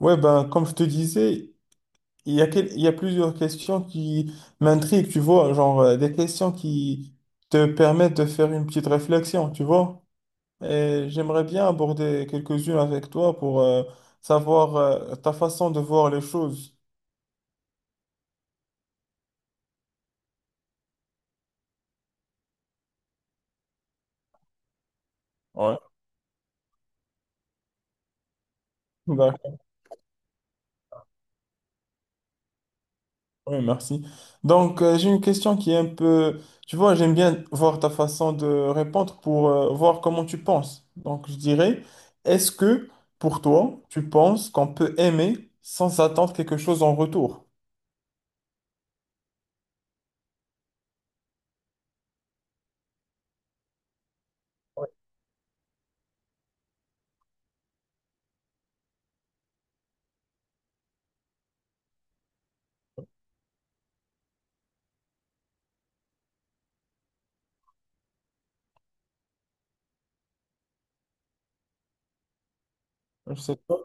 Ouais, ben, comme je te disais, il y a, il y a plusieurs questions qui m'intriguent, tu vois, genre des questions qui te permettent de faire une petite réflexion, tu vois. Et j'aimerais bien aborder quelques-unes avec toi pour savoir ta façon de voir les choses. Ouais. Ben, oui, merci. Donc, j'ai une question qui est un peu, tu vois, j'aime bien voir ta façon de répondre pour voir comment tu penses. Donc, je dirais, est-ce que pour toi, tu penses qu'on peut aimer sans attendre quelque chose en retour? Je sais pas.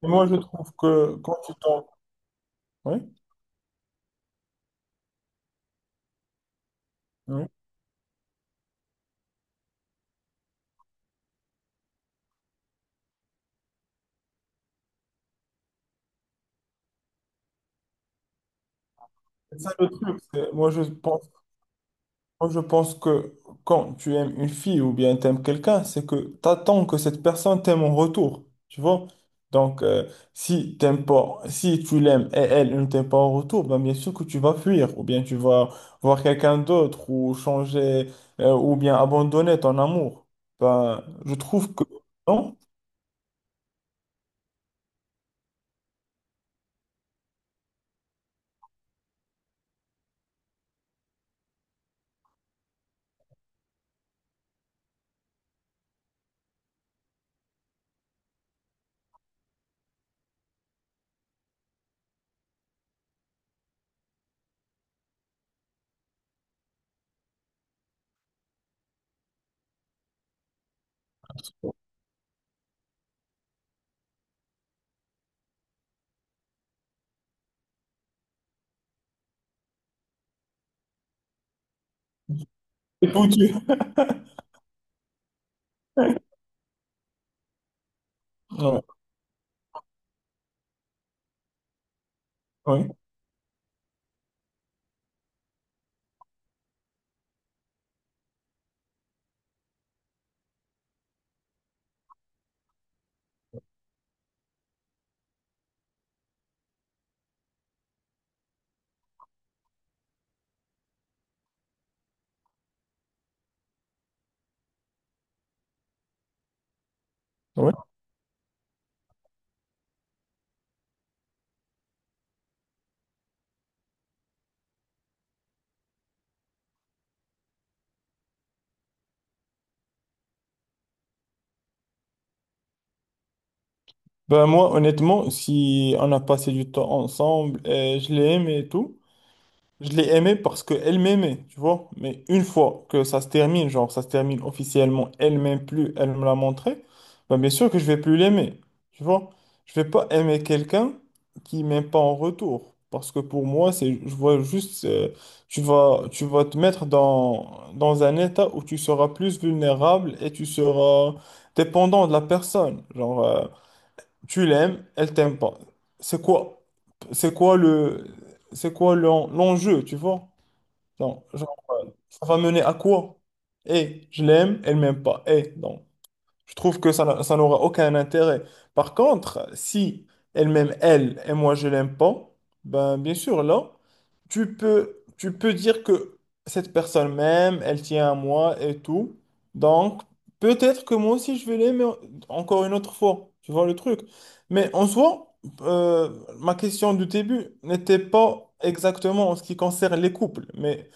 Mais moi, je trouve que quand tu t'en... Oui, oui. C'est ça le truc. Moi, je pense que quand tu aimes une fille ou bien t'aimes quelqu'un, c'est que t'attends que cette personne t'aime en retour, tu vois? Donc, si t'aimes pas, si tu l'aimes et elle ne t'aime pas en retour, ben bien sûr que tu vas fuir, ou bien tu vas voir quelqu'un d'autre, ou changer, ou bien abandonner ton amour. Ben, je trouve que non, c'est foutu. Ouais, ouais, ouais. Ben moi, honnêtement, si on a passé du temps ensemble, et je l'aime et tout. Je l'ai aimée parce qu'elle m'aimait, tu vois. Mais une fois que ça se termine, genre ça se termine officiellement, elle m'aime plus, elle me l'a montré, ben bien sûr que je vais plus l'aimer, tu vois. Je vais pas aimer quelqu'un qui m'aime pas en retour. Parce que pour moi, c'est, je vois juste, tu vas te mettre dans, dans un état où tu seras plus vulnérable et tu seras dépendant de la personne. Genre, tu l'aimes, elle t'aime pas. C'est quoi, c'est quoi le, l'enjeu, tu vois? Genre, genre, ça va mener à quoi? Eh, je l'aime, elle m'aime pas. Eh, donc. Je trouve que ça n'aura aucun intérêt. Par contre, si elle m'aime elle et moi je l'aime pas, ben bien sûr là, tu peux dire que cette personne m'aime, elle tient à moi et tout. Donc peut-être que moi aussi je vais l'aimer encore une autre fois. Tu vois le truc. Mais en soi, euh, ma question du début n'était pas exactement en ce qui concerne les couples, mais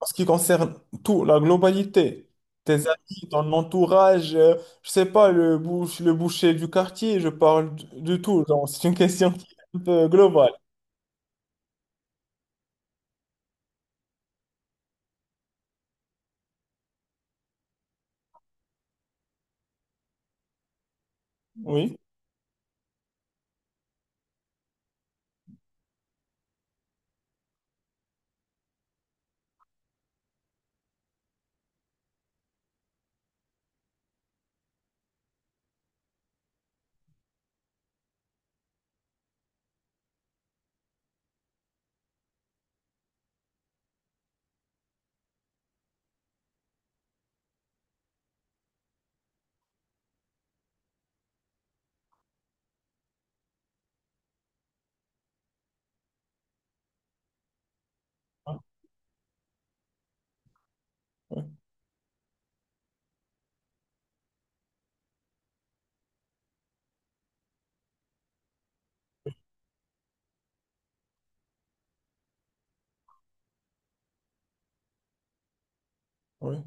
en ce qui concerne tout, la globalité, tes amis, ton entourage, je sais pas, le boucher du quartier, je parle de tout. Donc, c'est une question qui est un peu globale. Oui, ah, oui, oui,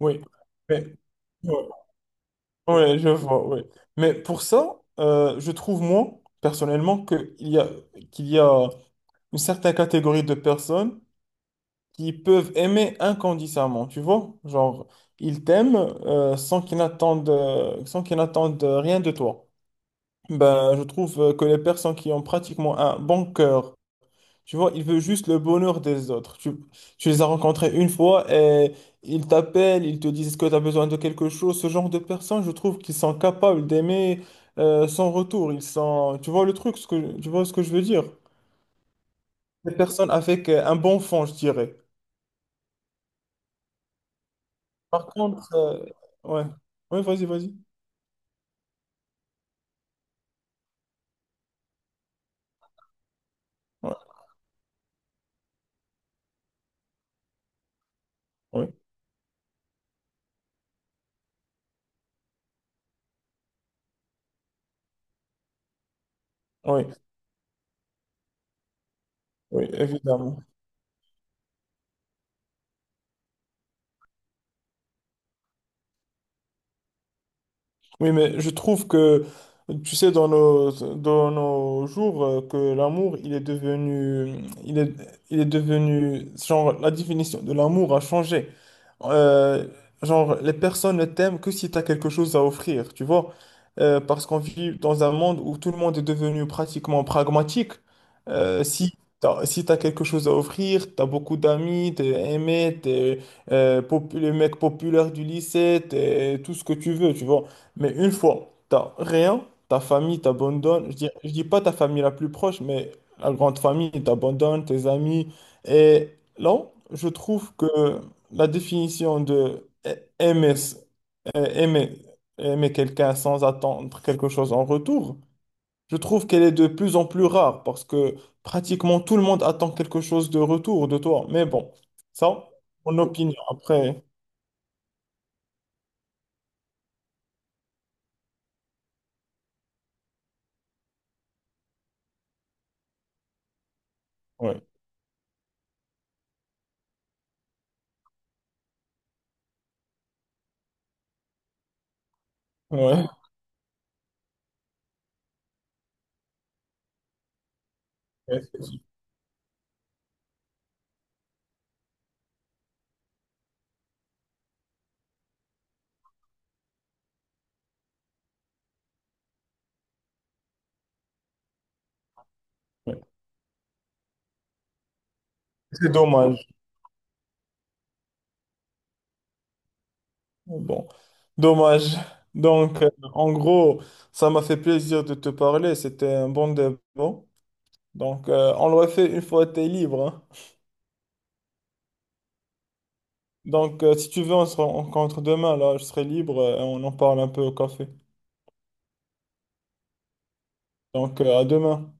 oui. Mais, ouais, ouais, je vois, oui. Mais pour ça, je trouve, moi, personnellement, que il y a, qu'il y a une certaine catégorie de personnes qui peuvent aimer inconditionnellement, tu vois? Genre, ils t'aiment sans qu'ils n'attendent rien de toi. Ben, je trouve que les personnes qui ont pratiquement un bon cœur, tu vois, ils veulent juste le bonheur des autres. Tu les as rencontrés une fois et ils t'appellent, ils te disent que tu as besoin de quelque chose. Ce genre de personnes, je trouve qu'ils sont capables d'aimer sans retour. Ils sont, tu vois le truc, ce que, tu vois ce que je veux dire? Des personnes avec un bon fond, je dirais. Par contre, ouais, ouais, vas-y, vas-y. Ouais, oui, oui, oui, évidemment. Oui, mais je trouve que, tu sais, dans nos jours, que l'amour, il est devenu, genre, la définition de l'amour a changé. Euh, genre, les personnes ne t'aiment que si tu as quelque chose à offrir, tu vois. Parce qu'on vit dans un monde où tout le monde est devenu pratiquement pragmatique. Si t'as, si t'as quelque chose à offrir, t'as beaucoup d'amis, t'es aimé, t'es le mec populaire du lycée, t'es tout ce que tu veux, tu vois. Mais une fois, t'as rien, ta famille t'abandonne. Je dis pas ta famille la plus proche, mais la grande famille t'abandonne, tes amis. Et là, je trouve que la définition de a- aimer, euh, aimer, aimer quelqu'un sans attendre quelque chose en retour, je trouve qu'elle est de plus en plus rare parce que pratiquement tout le monde attend quelque chose de retour de toi. Mais bon, ça, mon opinion. Après, ouais, ouais, ouais, c'est ouais. C'est dommage. Bon, dommage. Donc, en gros, ça m'a fait plaisir de te parler. C'était un bon débat. Donc, on le refait une fois que t'es libre, hein. Donc, si tu veux, on se rencontre demain. Là, je serai libre et on en parle un peu au café. Donc, à demain.